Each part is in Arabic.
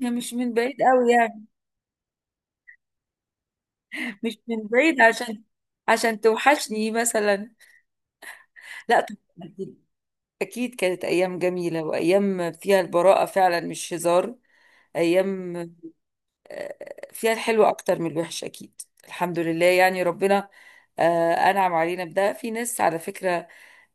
هي مش من بعيد قوي يعني، مش من بعيد عشان توحشني مثلا. لا طب، أكيد. أكيد كانت أيام جميلة وأيام فيها البراءة فعلا، مش هزار. أيام فيها الحلو أكتر من الوحش، أكيد الحمد لله يعني ربنا أنعم علينا بده. في ناس على فكرة،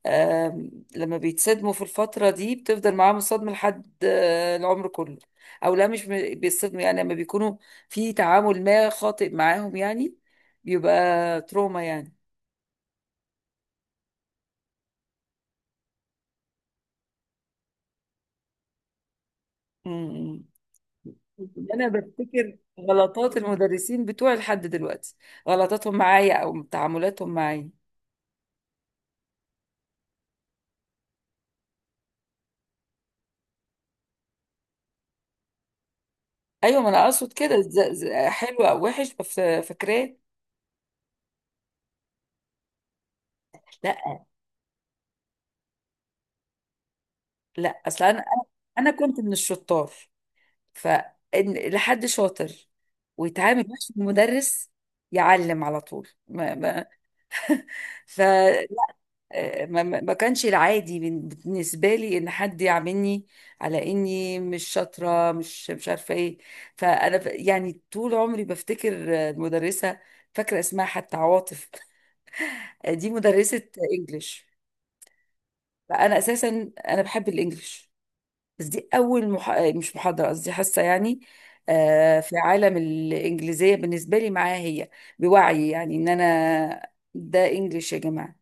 آم، لما بيتصدموا في الفترة دي بتفضل معاهم الصدمة لحد العمر كله. أو لا، مش م- بيتصدموا يعني لما بيكونوا في تعامل ما خاطئ معاهم يعني، بيبقى تروما يعني. م- م. أنا بفتكر غلطات المدرسين بتوعي لحد دلوقتي، غلطاتهم معايا أو تعاملاتهم معايا. أيوة، ما أنا أقصد كده، حلو أو وحش فاكراه. لا، لا أصل أنا أنا كنت من الشطار، فإن لحد شاطر ويتعامل مع المدرس يعلم على طول. ما ما ف ما كانش العادي بالنسبه لي ان حد يعاملني على اني مش شاطره، مش عارفه ايه. فانا يعني طول عمري بفتكر المدرسه، فاكره اسمها حتى عواطف. دي مدرسه انجليش. فانا اساسا انا بحب الانجليش، بس دي أول مش محاضرة قصدي حصة يعني في عالم الإنجليزية بالنسبة لي معاها هي، بوعي يعني إن أنا ده إنجليش يا جماعة.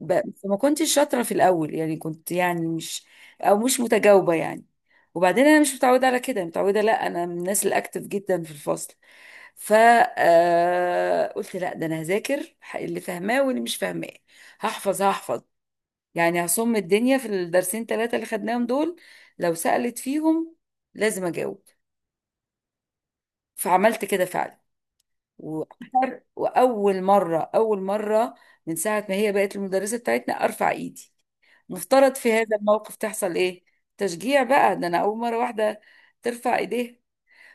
فما كنتش شاطرة في الأول يعني، كنت يعني مش، أو مش متجاوبة يعني. وبعدين أنا مش متعودة على كده، متعودة لا، أنا من الناس الأكتف جدا في الفصل. ف قلت لا، ده أنا هذاكر اللي فاهماه واللي مش فاهماه، هحفظ يعني، هصم الدنيا في الدرسين ثلاثة اللي خدناهم دول. لو سألت فيهم لازم أجاوب. فعملت كده فعلا، وأخر وأول مرة أول مرة من ساعة ما هي بقت المدرسة بتاعتنا أرفع إيدي. مفترض في هذا الموقف تحصل إيه؟ تشجيع بقى. ده أنا أول مرة واحدة ترفع إيديها،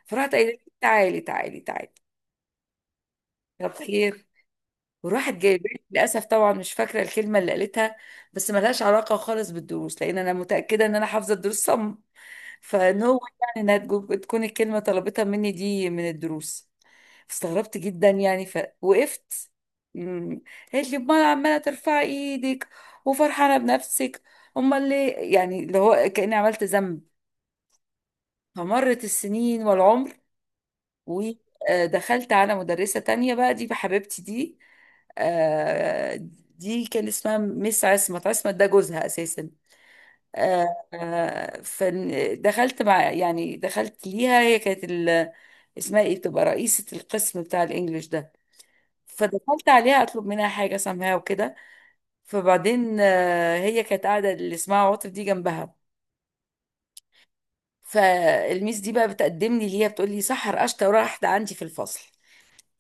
فرحت قايلة تعالي تعالي تعالي. طب خير؟ وراحت للاسف طبعا مش فاكره الكلمه اللي قالتها، بس ملهاش علاقه خالص بالدروس، لان انا متاكده ان انا حافظه الدروس صم. فان هو يعني انها تكون الكلمه طلبتها مني دي من الدروس، استغربت جدا يعني فوقفت. مم. قالت لي امال عماله ترفعي ايدك وفرحانه بنفسك، امال ليه؟ يعني اللي هو كاني عملت ذنب. فمرت السنين والعمر، ودخلت على مدرسه تانية بقى، دي بحبيبتي دي. آه، دي كان اسمها مس عصمت، عصمت ده جوزها اساسا. فدخلت مع يعني دخلت ليها، هي كانت اسمها ايه، بتبقى رئيسة القسم بتاع الانجليش ده. فدخلت عليها اطلب منها حاجة سامعها وكده، فبعدين هي كانت قاعدة اللي اسمها عاطف دي جنبها. فالميس دي بقى بتقدمني ليها، بتقول لي سحر اشطر واحدة عندي في الفصل.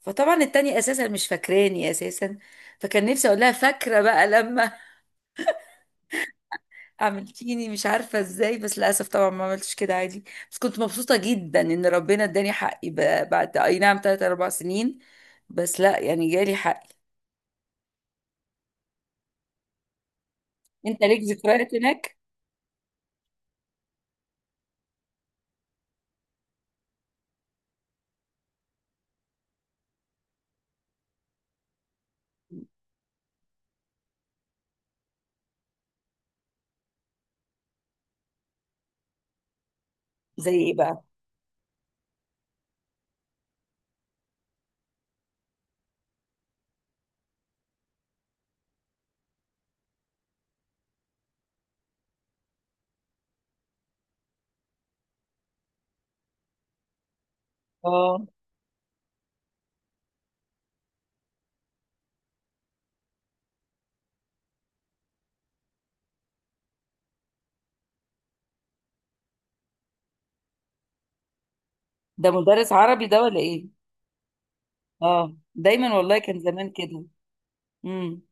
فطبعا التانية اساسا مش فاكراني اساسا، فكان نفسي اقول لها فاكرة بقى لما عملتيني مش عارفة ازاي، بس للأسف طبعا ما عملتش كده، عادي. بس كنت مبسوطة جدا ان ربنا اداني حقي بعد اي نعم تلات اربع سنين، بس لا يعني جالي حقي. انت ليك ذكريات هناك؟ زي ايه بقى؟ اه، ده مدرس عربي ده ولا ايه؟ اه دايما، والله كان زمان كده. امم.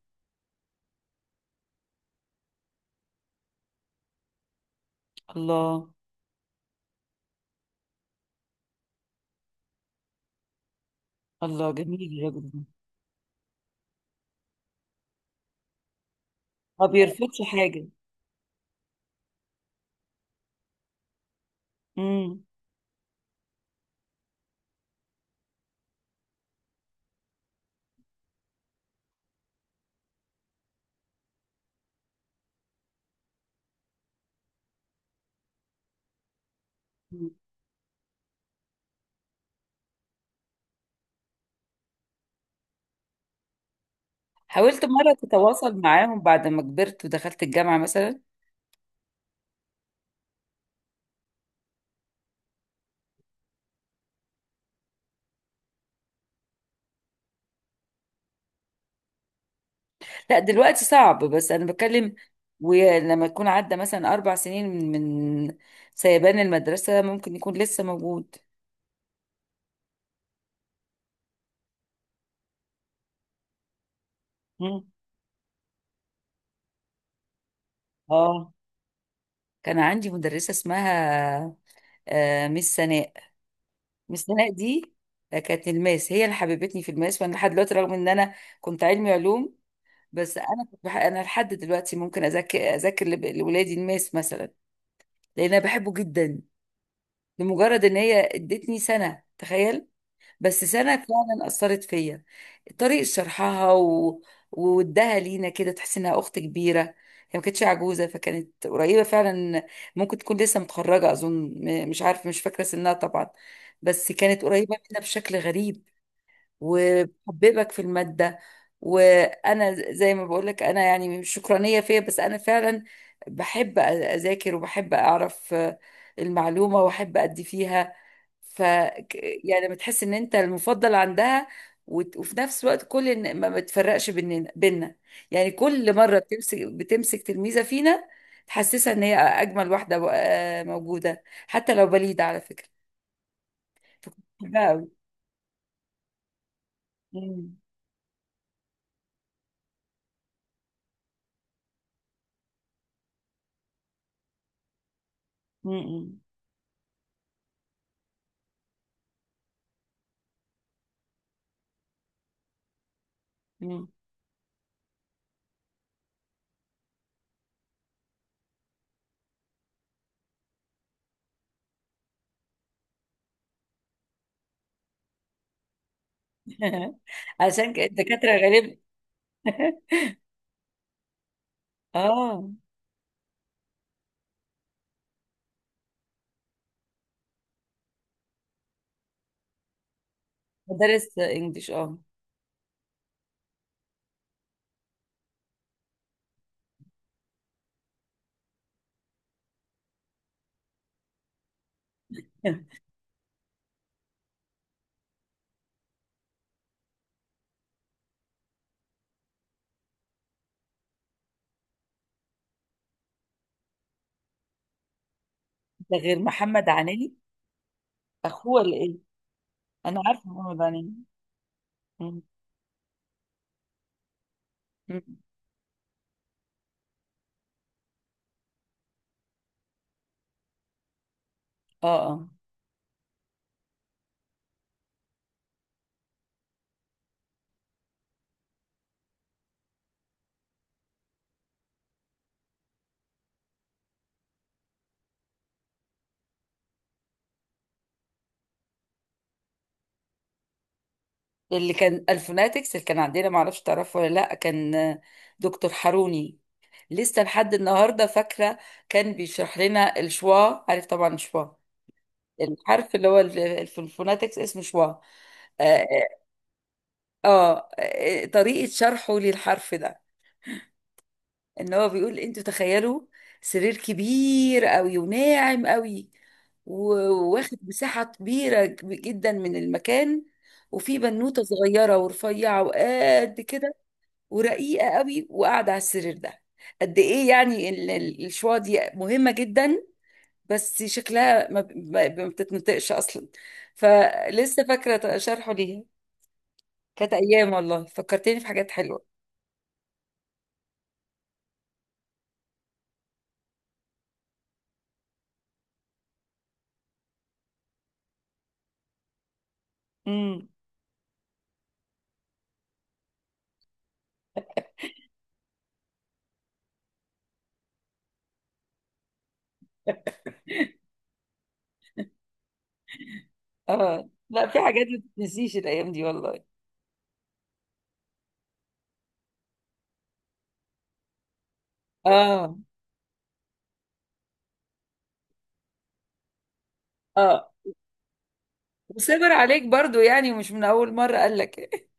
الله. الله، جميل الراجل ده. ما بيرفضش حاجة. امم. حاولت مرة تتواصل معاهم بعد ما كبرت ودخلت الجامعة مثلا؟ لا دلوقتي صعب، بس انا بتكلم ولما يكون عدى مثلا اربع سنين من من سيبان المدرسه، ممكن يكون لسه موجود. مم. اه، كان عندي مدرسه اسمها مس سناء. مس سناء دي كانت الماس، هي اللي حببتني في الماس. وانا لحد دلوقتي، رغم ان انا كنت علمي علوم، بس انا انا لحد دلوقتي ممكن اذاكر لاولادي الماس مثلا، لان انا بحبه جدا. لمجرد ان هي ادتني سنه، تخيل، بس سنة فعلا أثرت فيا. طريقة شرحها وودها لينا كده، تحس إنها أخت كبيرة هي. ما كانتش عجوزة، فكانت قريبة فعلا، ممكن تكون لسه متخرجة أظن، مش عارفة مش فاكرة سنها طبعا، بس كانت قريبة منا بشكل غريب. وبتحببك في المادة. وأنا زي ما بقولك، أنا يعني مش شكرانية فيا، بس أنا فعلا بحب أذاكر وبحب أعرف المعلومة وأحب أدي فيها. ف ك- يعني لما تحس ان انت المفضل عندها، وفي نفس الوقت كل ما بتفرقش بيننا، يعني كل مره بتمسك تلميذه فينا تحسسها ان هي اجمل واحده موجوده حتى لو بليده على فكره. فكنت بحبها قوي. مم. مم. مم. عشان كده الدكاتره غالبا. اه، مدرس انجليش، اه. ده غير محمد عنالي؟ اخوه ولا ايه؟ انا عارفه محمد عنالي. مم. مم. اه، اه. اللي كان الفوناتكس اللي كان عندنا، معرفش تعرفه ولا لا، كان دكتور حاروني. لسه لحد النهارده فاكره كان بيشرح لنا الشوا، عارف طبعا الشوا، الحرف اللي هو في الفوناتكس اسمه شوا. آه, طريقه شرحه للحرف ده، ان هو بيقول انتوا تخيلوا سرير كبير قوي وناعم قوي، وواخد مساحه كبيره جدا من المكان، وفي بنوته صغيره ورفيعه وقد كده ورقيقة قوي وقاعدة على السرير ده. قد ايه يعني الشوا دي مهمة جدا، بس شكلها ما بتتنطقش اصلا. فلسه فاكرة شرحه ليها. كانت ايام والله، فكرتني في حاجات حلوة. امم. اه، لا في حاجات ما تتنسيش الايام دي والله. اه. اه، وصبر عليك برضو، يعني مش من اول مرة قال لك.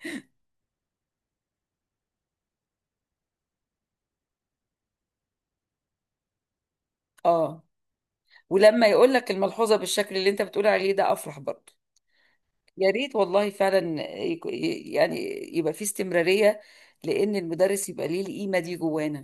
اه. ولما يقول لك الملحوظة بالشكل اللي انت بتقول عليه ده، افرح برضو. يا ريت والله، فعلا يعني يبقى في استمرارية، لأن المدرس يبقى ليه القيمة دي جوانا.